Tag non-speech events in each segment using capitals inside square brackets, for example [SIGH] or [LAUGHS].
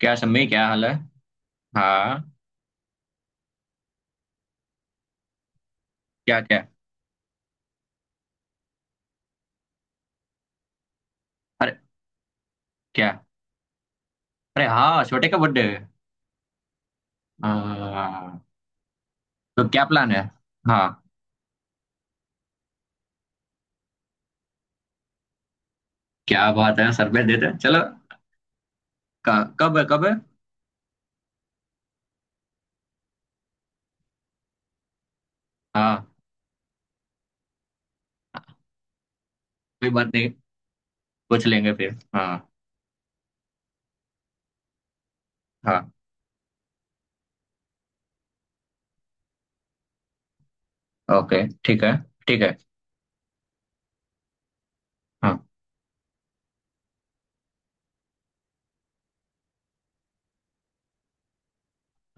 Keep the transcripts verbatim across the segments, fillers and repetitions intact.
क्या सम्मी, क्या हाल है। हाँ। क्या क्या। अरे क्या। अरे हाँ, छोटे का बर्थडे है। हाँ तो क्या प्लान है। हाँ क्या बात है, सरप्राइज देते हैं, चलो। क- कब है, कब है। हाँ। कोई बात नहीं, पूछ लेंगे फिर। हाँ। हाँ। ओके, ठीक है। ठीक है। हाँ।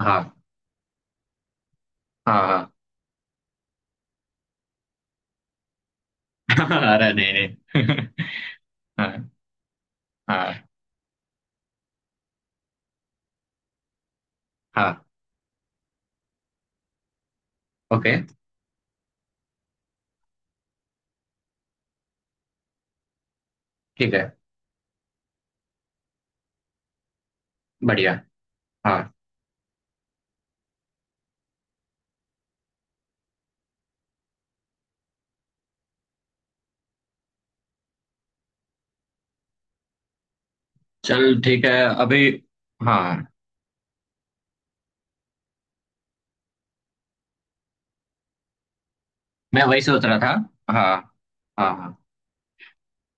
हाँ। हाँ। हाँ। [LAUGHS] अरे नहीं नहीं। [LAUGHS] हाँ। हाँ। हाँ। ओके ठीक है। बढ़िया। हाँ। चल ठीक है। अभी। हाँ, मैं वही सोच रहा था। हाँ। हाँ। हाँ।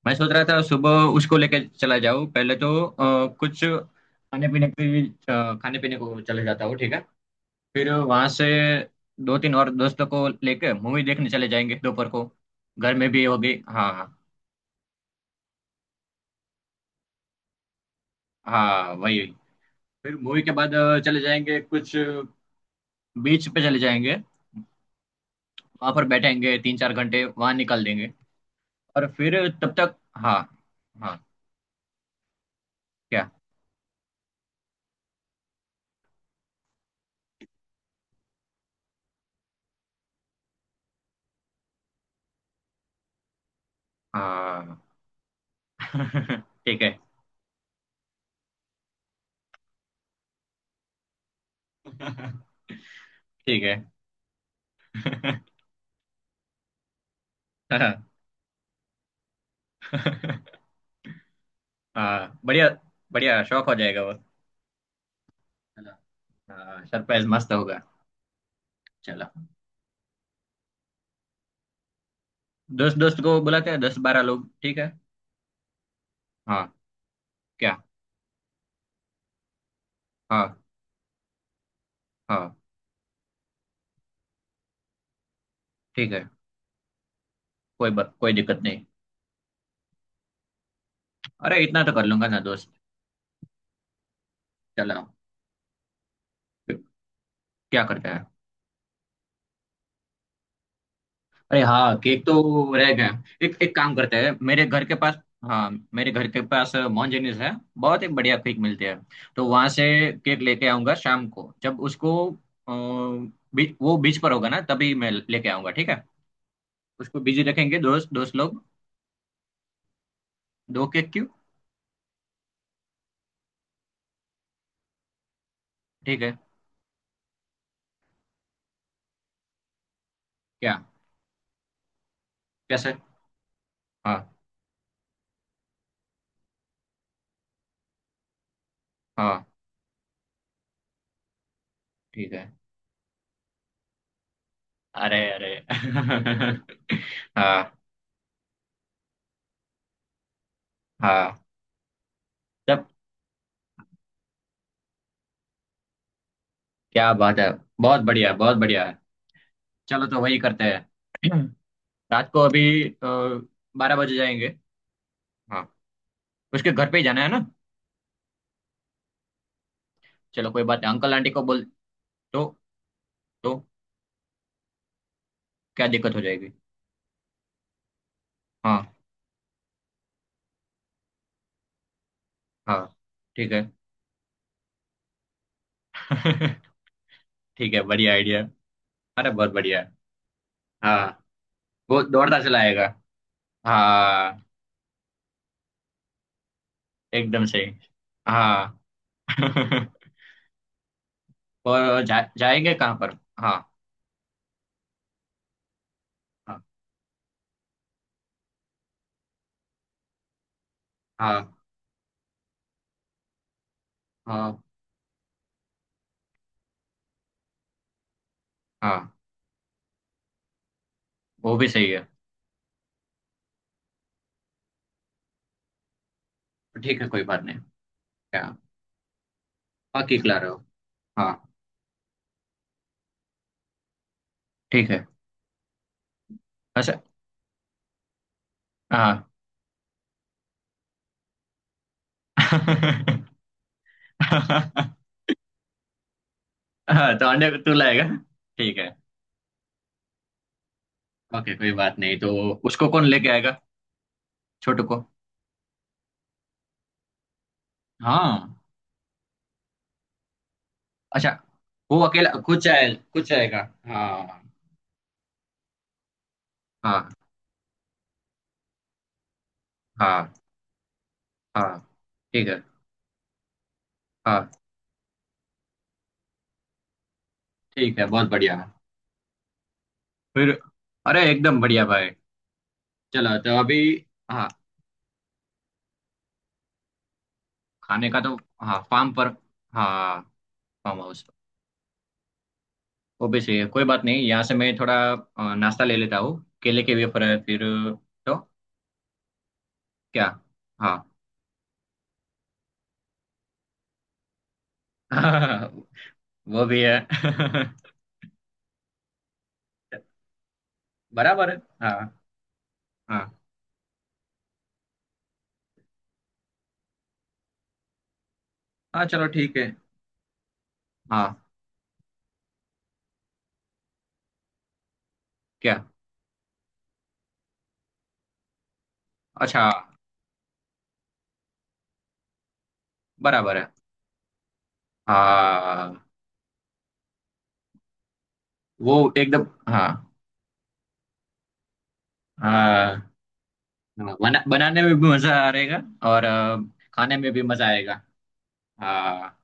मैं सोच रहा था सुबह उसको लेके चला जाऊँ, पहले तो अ, कुछ खाने पीने की। अ, खाने पीने को चले जाता हूँ, ठीक है। फिर वहां से दो तीन और दोस्तों को लेके मूवी देखने चले जाएंगे दोपहर को। घर में भी होगी। हाँ हाँ। हाँ, वही। फिर मूवी के बाद अ, चले जाएंगे कुछ। बीच पे चले जाएंगे। वहां पर बैठेंगे, तीन चार घंटे वहां निकाल देंगे। और फिर। तब तक। हाँ। हाँ। क्या। हाँ। [LAUGHS] ठीक है। [LAUGHS] ठीक है। [LAUGHS] हाँ। [LAUGHS] हाँ, बढ़िया। बढ़िया, शौक हो जाएगा वो। चला। हाँ, सरप्राइज मस्त होगा। चला। दोस्त दोस्त को बुलाते हैं, दस बारह लोग, ठीक है। हाँ। क्या। हाँ। हाँ ठीक है। कोई ब, कोई दिक्कत नहीं। अरे इतना तो कर लूंगा ना दोस्त। चला। क्या करता है। अरे हाँ, केक तो रह गया। एक एक काम करते हैं, मेरे घर के पास। हाँ, मेरे घर के पास मोहनजनीस है, बहुत ही बढ़िया केक मिलते हैं। तो वहां से केक लेके आऊंगा शाम को, जब उसको अ, बी, वो बीच पर होगा ना तभी मैं लेके आऊंगा, ठीक है। उसको बिजी रखेंगे दोस्त दोस्त लोग। दो केक क्यों। ठीक है। क्या। कैसे। हाँ। हाँ ठीक है। अरे अरे। [LAUGHS] हाँ। हाँ। तब। क्या बात है, बहुत बढ़िया, बहुत बढ़िया है। चलो तो वही करते हैं। [CLEARS THROAT] रात को अभी बारह बजे जाएंगे। हाँ। उसके घर पे ही जाना है ना। चलो कोई बात नहीं, अंकल आंटी को बोल। तो। तो क्या दिक्कत हो जाएगी। हाँ। हाँ। ठीक है। [LAUGHS] ठीक है, बढ़िया आइडिया। अरे बहुत बढ़िया है। हाँ। वो दौड़ता चला आएगा। हाँ एकदम सही। हाँ। [LAUGHS] और जा, जाएंगे कहाँ पर। हाँ। हाँ। हाँ। हाँ। हाँ, वो भी सही है। ठीक है, कोई बात नहीं। क्या। बाकी खिला रहे हो। हाँ। ठीक है। अच्छा। हाँ। [LAUGHS] हाँ तो अंडे तू लाएगा, ठीक है। ओके, कोई बात नहीं। तो उसको कौन लेके आएगा, छोटू को। हाँ। अच्छा। वो अकेला खुद जाए, खुद जाएगा। हाँ। हाँ। हाँ। हाँ ठीक है। हाँ। ठीक है, बहुत बढ़िया। फिर। अरे एकदम बढ़िया भाई। चलो तो अभी। हाँ। खाने का तो। हाँ फार्म पर। हाँ। Farm house. वो भी सही है, कोई बात नहीं। यहाँ से मैं थोड़ा अ, नाश्ता ले लेता हूँ, केले के वेफर है, फिर। तो। क्या। हाँ। [LAUGHS] वो भी है। बराबर है। हाँ। हाँ। हाँ चलो ठीक है। हाँ। क्या। अच्छा। बराबर है। हाँ। वो एकदम। हाँ। हाँ। हाँ, बना, बनाने में भी मजा आएगा। और अ, खाने में भी मजा आएगा। हाँ।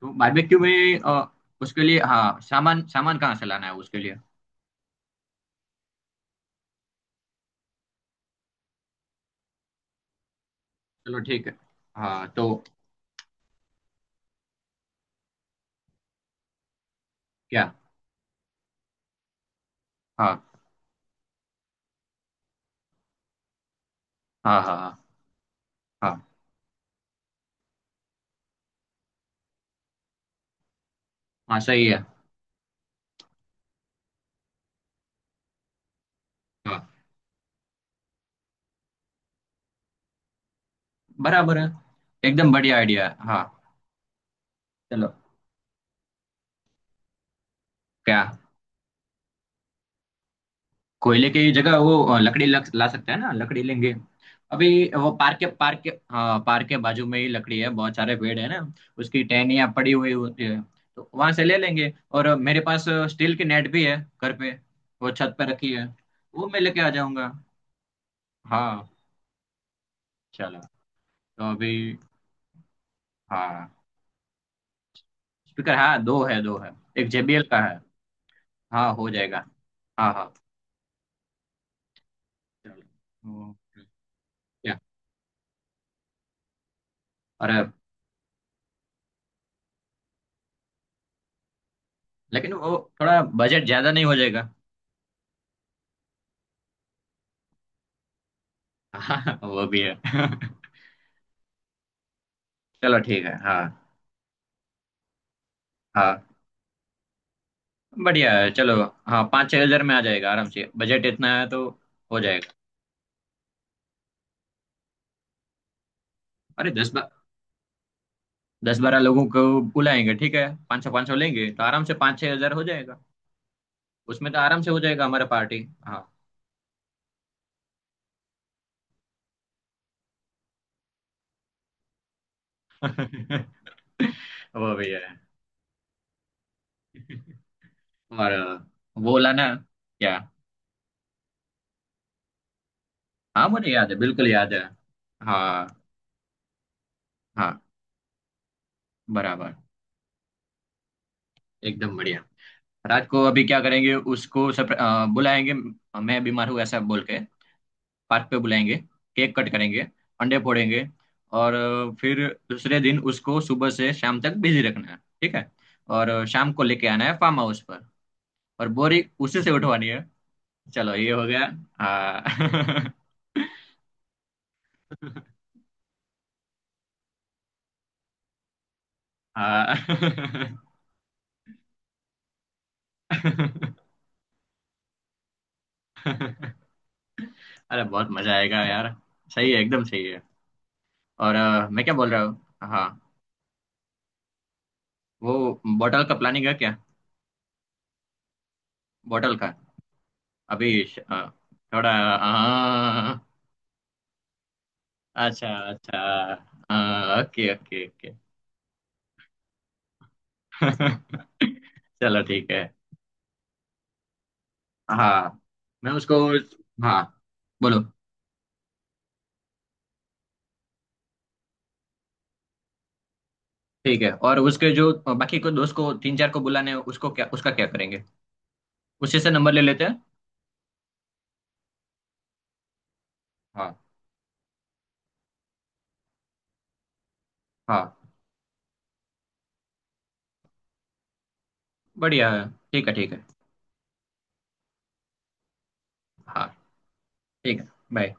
तो बारबेक्यू में अ, उसके लिए, हाँ, सामान सामान कहाँ से लाना है उसके लिए। चलो ठीक है। हाँ। तो क्या। हाँ। हाँ। हाँ। हाँ। हाँ। हाँ सही है। हाँ। बराबर है। एकदम बढ़िया आइडिया है। हाँ। चलो। क्या। कोयले की जगह वो अ, लकड़ी लग, ला सकते हैं ना, लकड़ी लेंगे। अभी। वो पार्क के पार्क के, हाँ, पार्क के बाजू में ही लकड़ी है, बहुत सारे पेड़ है ना, उसकी टहनियाँ पड़ी हुई होती है। तो वहां से ले लेंगे। और मेरे पास स्टील की नेट भी है, घर पे, वो छत पे रखी है। वो मैं लेके आ जाऊंगा। हाँ। चलो तो अभी। हाँ। स्पीकर हाँ, दो है दो है, एक जे बी एल का है। हाँ हो जाएगा। हाँ हाँ। चलो ओके। क्या। अरे लेकिन वो थोड़ा बजट ज्यादा नहीं हो जाएगा। [LAUGHS] हाँ वो भी है। [LAUGHS] चलो ठीक है। हाँ। हाँ बढ़िया है चलो। हाँ पाँच छह हजार में आ जाएगा आराम से, बजट इतना है तो हो जाएगा। अरे दस बा, दस बारह लोगों को बुलाएंगे, ठीक है, पाँच सौ पाँच सौ लेंगे तो आराम से पाँच छह हजार हो जाएगा। उसमें तो आराम से हो जाएगा हमारा पार्टी। हाँ। [LAUGHS] वो भी है। और वो वाला ना। क्या। हाँ मुझे याद है, बिल्कुल याद है। हाँ। हाँ बराबर। एकदम बढ़िया। रात को अभी क्या करेंगे, उसको सप्र- अ, बुलाएंगे, मैं बीमार हूँ ऐसा बोल के, पार्क पे बुलाएंगे, केक कट करेंगे, अंडे फोड़ेंगे। और अ, फिर दूसरे दिन उसको सुबह से शाम तक बिजी रखना है, ठीक है। और अ, शाम को लेके आना है फार्म हाउस पर। और बोरी उसी से उठवानी है। चलो ये हो गया। हाँ। [LAUGHS] हाँ। [LAUGHS] अरे बहुत मजा आएगा यार। सही है, एकदम सही है। और अ, मैं क्या बोल रहा हूँ। हाँ। वो बॉटल का प्लानिंग है क्या। बॉटल का। अभी श- अ, थोड़ा। हाँ। अच्छा अच्छा। Okay okay okay. [LAUGHS] चलो ठीक है। हाँ। मैं उसको। हाँ। बोलो। ठीक है। और उसके जो बाकी को दोस्त को तीन चार को बुलाने हैं, उसको क्या, उसका क्या करेंगे। उसी से नंबर ले लेते हैं। हाँ। हाँ बढ़िया है, ठीक है ठीक है। हाँ ठीक है। बाय।